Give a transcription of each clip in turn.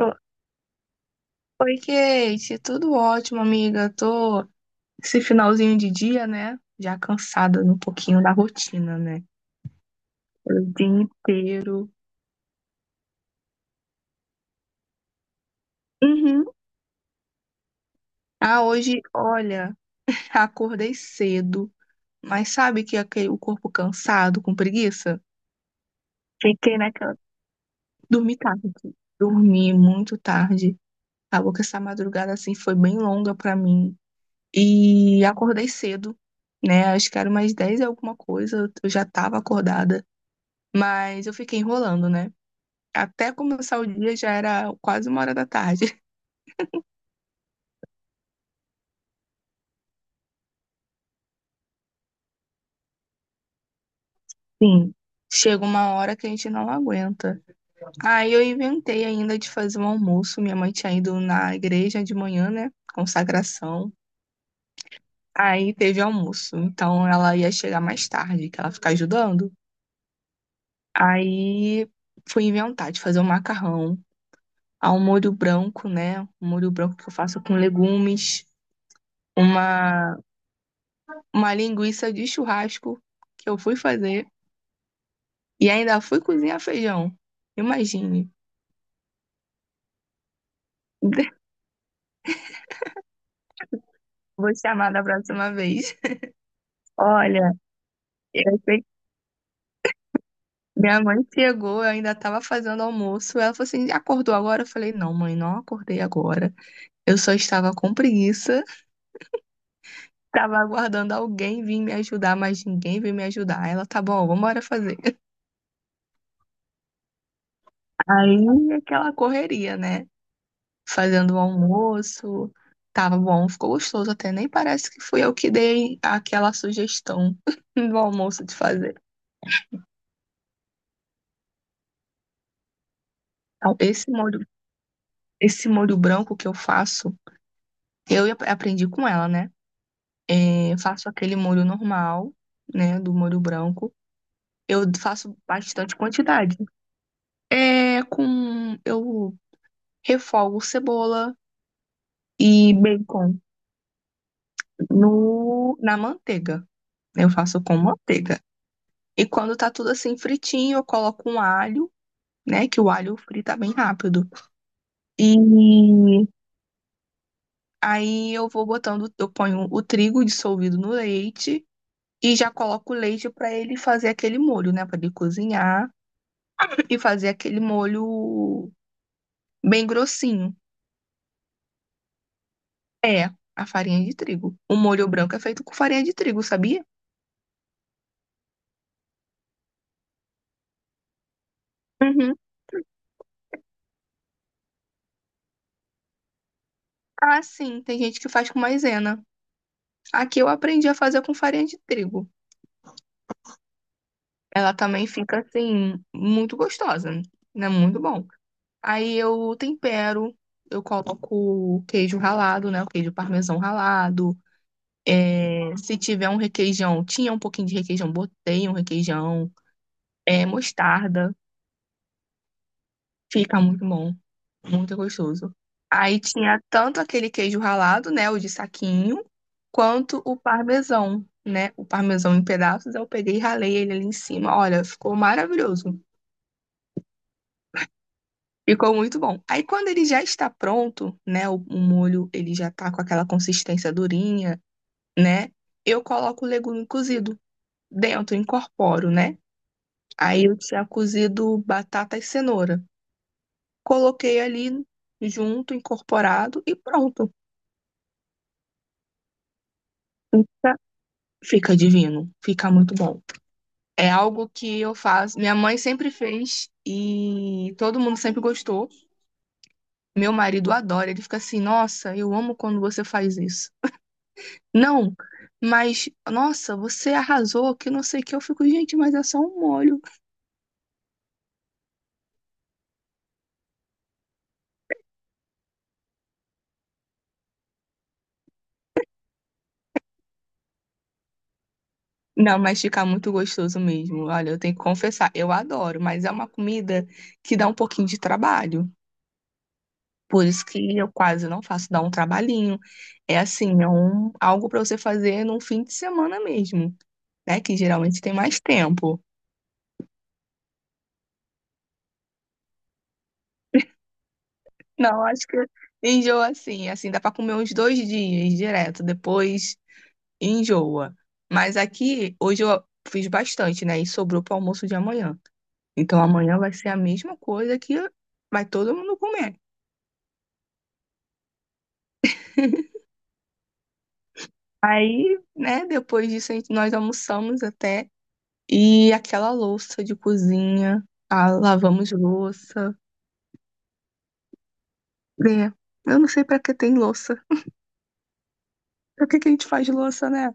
O- Oi, Kate, tudo ótimo, amiga. Tô esse finalzinho de dia, né? Já cansada um pouquinho da rotina, né? O dia inteiro. Uhum. Ah, hoje, olha, acordei cedo, mas sabe que aquele, o corpo cansado, com preguiça? Fiquei naquela. Dormi tarde. Dormi muito tarde. Acabou que essa madrugada, assim, foi bem longa pra mim. E acordei cedo, né? Acho que era umas 10 e alguma coisa. Eu já tava acordada. Mas eu fiquei enrolando, né? Até começar o dia já era quase 1 hora da tarde. Sim. Chega uma hora que a gente não aguenta. Aí eu inventei ainda de fazer um almoço. Minha mãe tinha ido na igreja de manhã, né? Consagração. Aí teve almoço. Então ela ia chegar mais tarde, que ela fica ajudando. Aí fui inventar de fazer um macarrão, a um molho branco, né? Um molho branco que eu faço com legumes, uma, uma linguiça de churrasco que eu fui fazer. E ainda fui cozinhar feijão. Imagine. Vou chamar da próxima vez. Olha, eu sei que minha mãe chegou, eu ainda estava fazendo almoço. Ela falou assim: acordou agora? Eu falei: não, mãe, não acordei agora. Eu só estava com preguiça, estava aguardando alguém vir me ajudar, mas ninguém veio me ajudar. Ela: tá bom, vamos embora fazer. Aí aquela correria, né? Fazendo o almoço. Tava bom, ficou gostoso até. Nem parece que fui eu que dei aquela sugestão do almoço de fazer. Então, esse molho, esse molho branco que eu faço, aprendi com ela, né? É, faço aquele molho normal, né? Do molho branco. Eu faço bastante quantidade. É com. Eu refogo cebola e bacon no, na manteiga. Né? Eu faço com manteiga. E quando tá tudo assim fritinho, eu coloco um alho, né? Que o alho frita bem rápido. E aí eu vou botando, eu ponho o trigo dissolvido no leite. E já coloco o leite para ele fazer aquele molho, né? Para ele cozinhar e fazer aquele molho bem grossinho. É, a farinha de trigo. O molho branco é feito com farinha de trigo, sabia? Uhum. Ah, sim, tem gente que faz com maisena. Aqui eu aprendi a fazer com farinha de trigo. Ela também fica assim, muito gostosa, né? Muito bom. Aí eu tempero, eu coloco queijo ralado, né? O queijo parmesão ralado. É, se tiver um requeijão, tinha um pouquinho de requeijão, botei um requeijão, é, mostarda, fica muito bom, muito gostoso. Aí tinha tanto aquele queijo ralado, né, o de saquinho, quanto o parmesão, né, o parmesão em pedaços, eu peguei e ralei ele ali em cima. Olha, ficou maravilhoso. Ficou muito bom. Aí quando ele já está pronto, né, o molho, ele já tá com aquela consistência durinha, né, eu coloco o legume cozido dentro, incorporo, né? Aí eu tinha cozido batata e cenoura. Coloquei ali junto, incorporado e pronto. Fica, fica divino, fica muito bom. É algo que eu faço, minha mãe sempre fez e todo mundo sempre gostou. Meu marido adora, ele fica assim: "Nossa, eu amo quando você faz isso". Não, mas nossa, você arrasou, que não sei o que eu fico, gente, mas é só um molho. Não, mas fica muito gostoso mesmo. Olha, eu tenho que confessar, eu adoro, mas é uma comida que dá um pouquinho de trabalho. Por isso que eu quase não faço, dá um trabalhinho. É assim, é um, algo para você fazer num fim de semana mesmo, né? Que geralmente tem mais tempo. Não, acho que enjoa assim, dá para comer uns 2 dias direto, depois enjoa. Mas aqui, hoje eu fiz bastante, né? E sobrou para o almoço de amanhã. Então amanhã vai ser a mesma coisa que vai todo mundo comer. Né? Depois disso, nós almoçamos até. E aquela louça de cozinha, lavamos louça. Né? Eu não sei pra que tem louça. Pra que que a gente faz louça, né?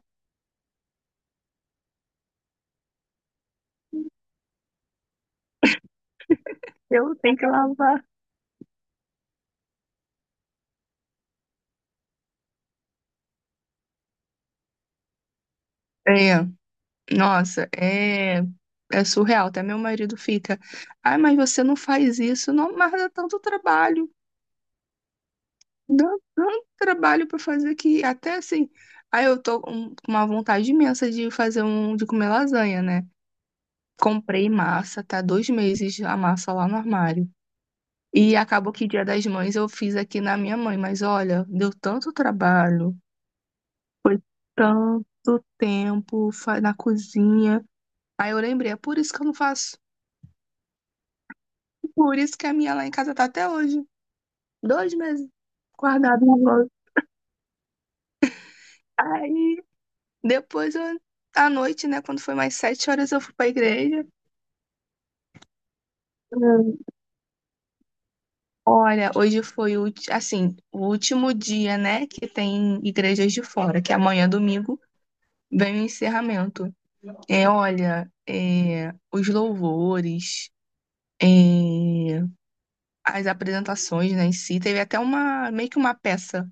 Eu tenho que lavar. É, nossa, é, é surreal. Até meu marido fica, ai, mas você não faz isso, não, mas dá tanto trabalho. Dá tanto trabalho pra fazer que até assim. Aí eu tô com uma vontade imensa de fazer um, de comer lasanha, né? Comprei massa, tá 2 meses a massa lá no armário. E acabou que Dia das Mães eu fiz aqui na minha mãe, mas olha, deu tanto trabalho, foi tanto tempo na cozinha. Aí eu lembrei, é por isso que eu não faço. Por isso que a minha lá em casa tá até hoje. 2 meses guardada na bolsa. Aí depois eu, à noite, né, quando foi mais 7 horas, eu fui pra igreja. Olha, hoje foi assim, o último dia, né, que tem igrejas de fora, que amanhã, domingo, vem o encerramento. É, olha, é, os louvores, é, as apresentações, né, em si, teve até meio que uma peça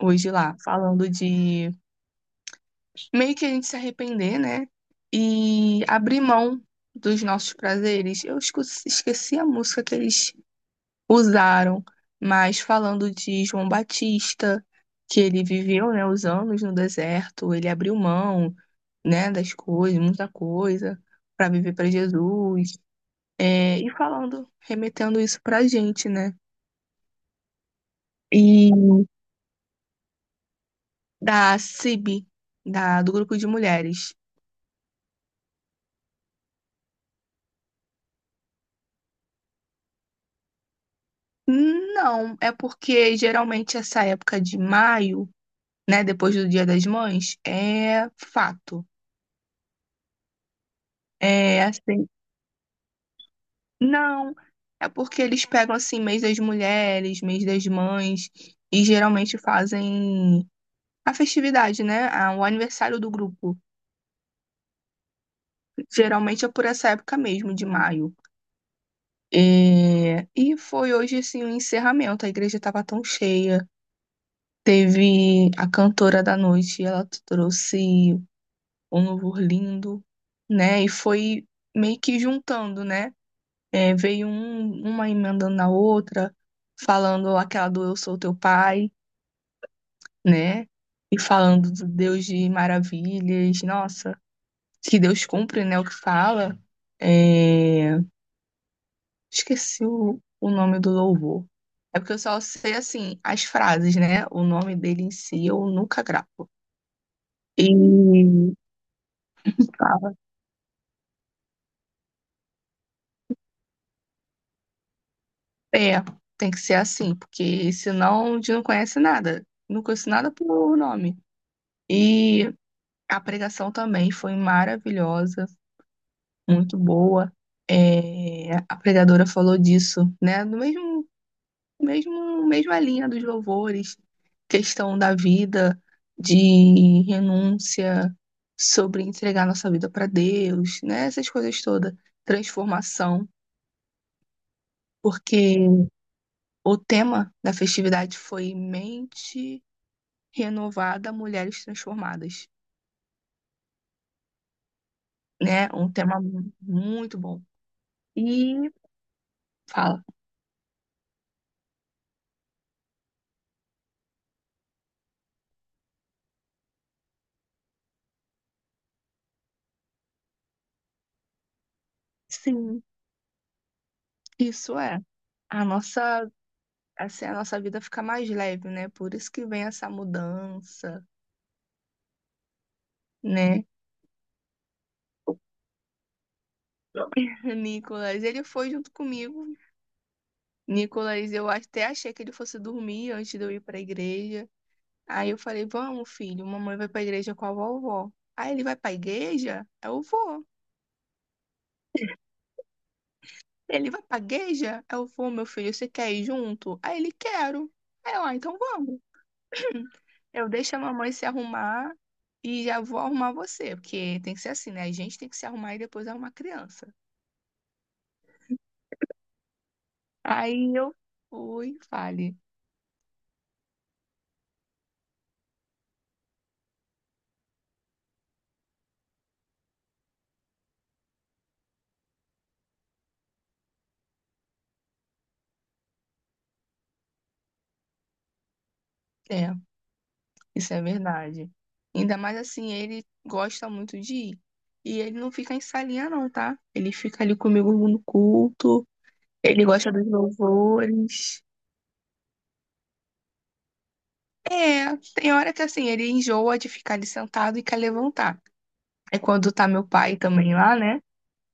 hoje lá, falando de meio que a gente se arrepender, né, e abrir mão dos nossos prazeres. Esqueci a música que eles usaram, mas falando de João Batista, que ele viveu, né, os anos no deserto, ele abriu mão, né, das coisas, muita coisa, para viver para Jesus, é, e falando, remetendo isso para a gente, né? E da CIB, do grupo de mulheres. Não, é porque geralmente essa época de maio, né, depois do Dia das Mães, é fato. É assim. Não, é porque eles pegam assim mês das mulheres, mês das mães e geralmente fazem a festividade, né? Ah, o aniversário do grupo. Geralmente é por essa época mesmo, de maio. É, e foi hoje assim o encerramento. A igreja estava tão cheia. Teve a cantora da noite, ela trouxe um louvor lindo, né? E foi meio que juntando, né? É, veio uma emendando na outra, falando aquela do Eu sou teu pai, né? E falando do Deus de maravilhas. Nossa, que Deus cumpre, né? O que fala. É, esqueci o nome do louvor. É porque eu só sei, assim, as frases, né? O nome dele em si eu nunca gravo. E fala, é, tem que ser assim, porque senão a gente não conhece nada. Não conheço nada pelo nome. E a pregação também foi maravilhosa, muito boa. É, a pregadora falou disso, né? No mesma linha dos louvores, questão da vida, de renúncia, sobre entregar nossa vida para Deus, né? Essas coisas todas, transformação, porque o tema da festividade foi mente renovada, mulheres transformadas, né? Um tema muito bom. E fala. Sim, isso é. A nossa, assim, a nossa vida fica mais leve, né? Por isso que vem essa mudança, né? Nicolas, ele foi junto comigo. Nicolas, eu até achei que ele fosse dormir antes de eu ir pra igreja. Aí eu falei: Vamos, filho, mamãe vai pra igreja com a vovó. Aí ele vai pra igreja? Eu vou. Ele vai pra igreja? Eu vou, meu filho, você quer ir junto? Aí ele: Quero. Aí eu: ah, então vamos. Eu deixo a mamãe se arrumar e já vou arrumar você, porque tem que ser assim, né? A gente tem que se arrumar e depois arrumar a criança. Aí eu fui, falei, é, isso é verdade. Ainda mais assim, ele gosta muito de ir. E ele não fica em salinha, não, tá? Ele fica ali comigo no culto, ele gosta dos louvores. É, tem hora que assim, ele enjoa de ficar ali sentado e quer levantar. É quando tá meu pai também lá, né?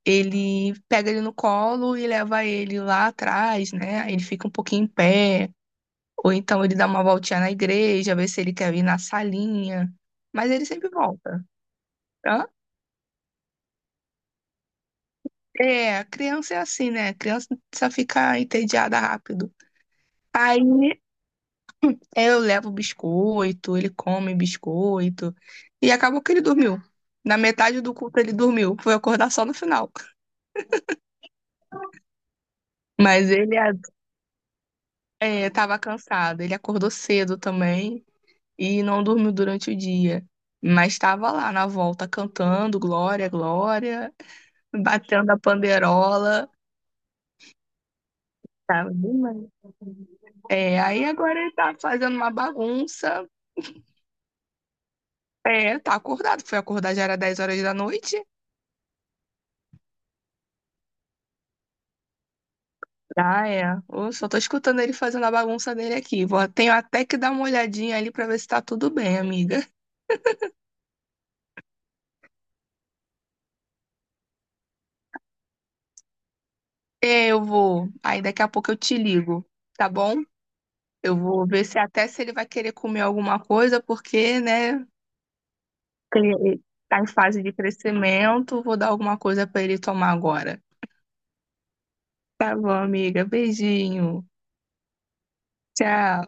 Ele pega ele no colo e leva ele lá atrás, né? Aí ele fica um pouquinho em pé, ou então ele dá uma voltinha na igreja, vê se ele quer ir na salinha, mas ele sempre volta. Hã? É, a criança é assim, né? A criança precisa ficar entediada rápido. Aí eu levo biscoito, ele come biscoito, e acabou que ele dormiu. Na metade do culto ele dormiu, foi acordar só no final. Mas ele é, tava cansado, ele acordou cedo também. E não dormiu durante o dia. Mas estava lá na volta cantando Glória, Glória, batendo a panderola. Tava demais. É, aí agora ele tá fazendo uma bagunça. É, tá acordado. Foi acordar já era 10 horas da noite. Ah, é. Eu só tô escutando ele fazendo a bagunça dele aqui. Vou, tenho até que dar uma olhadinha ali pra ver se tá tudo bem, amiga. É, eu vou. Aí daqui a pouco eu te ligo, tá bom? Eu vou ver se até se ele vai querer comer alguma coisa, porque, né, cre- tá em fase de crescimento, vou dar alguma coisa para ele tomar agora. Tá bom, amiga. Beijinho. Tchau.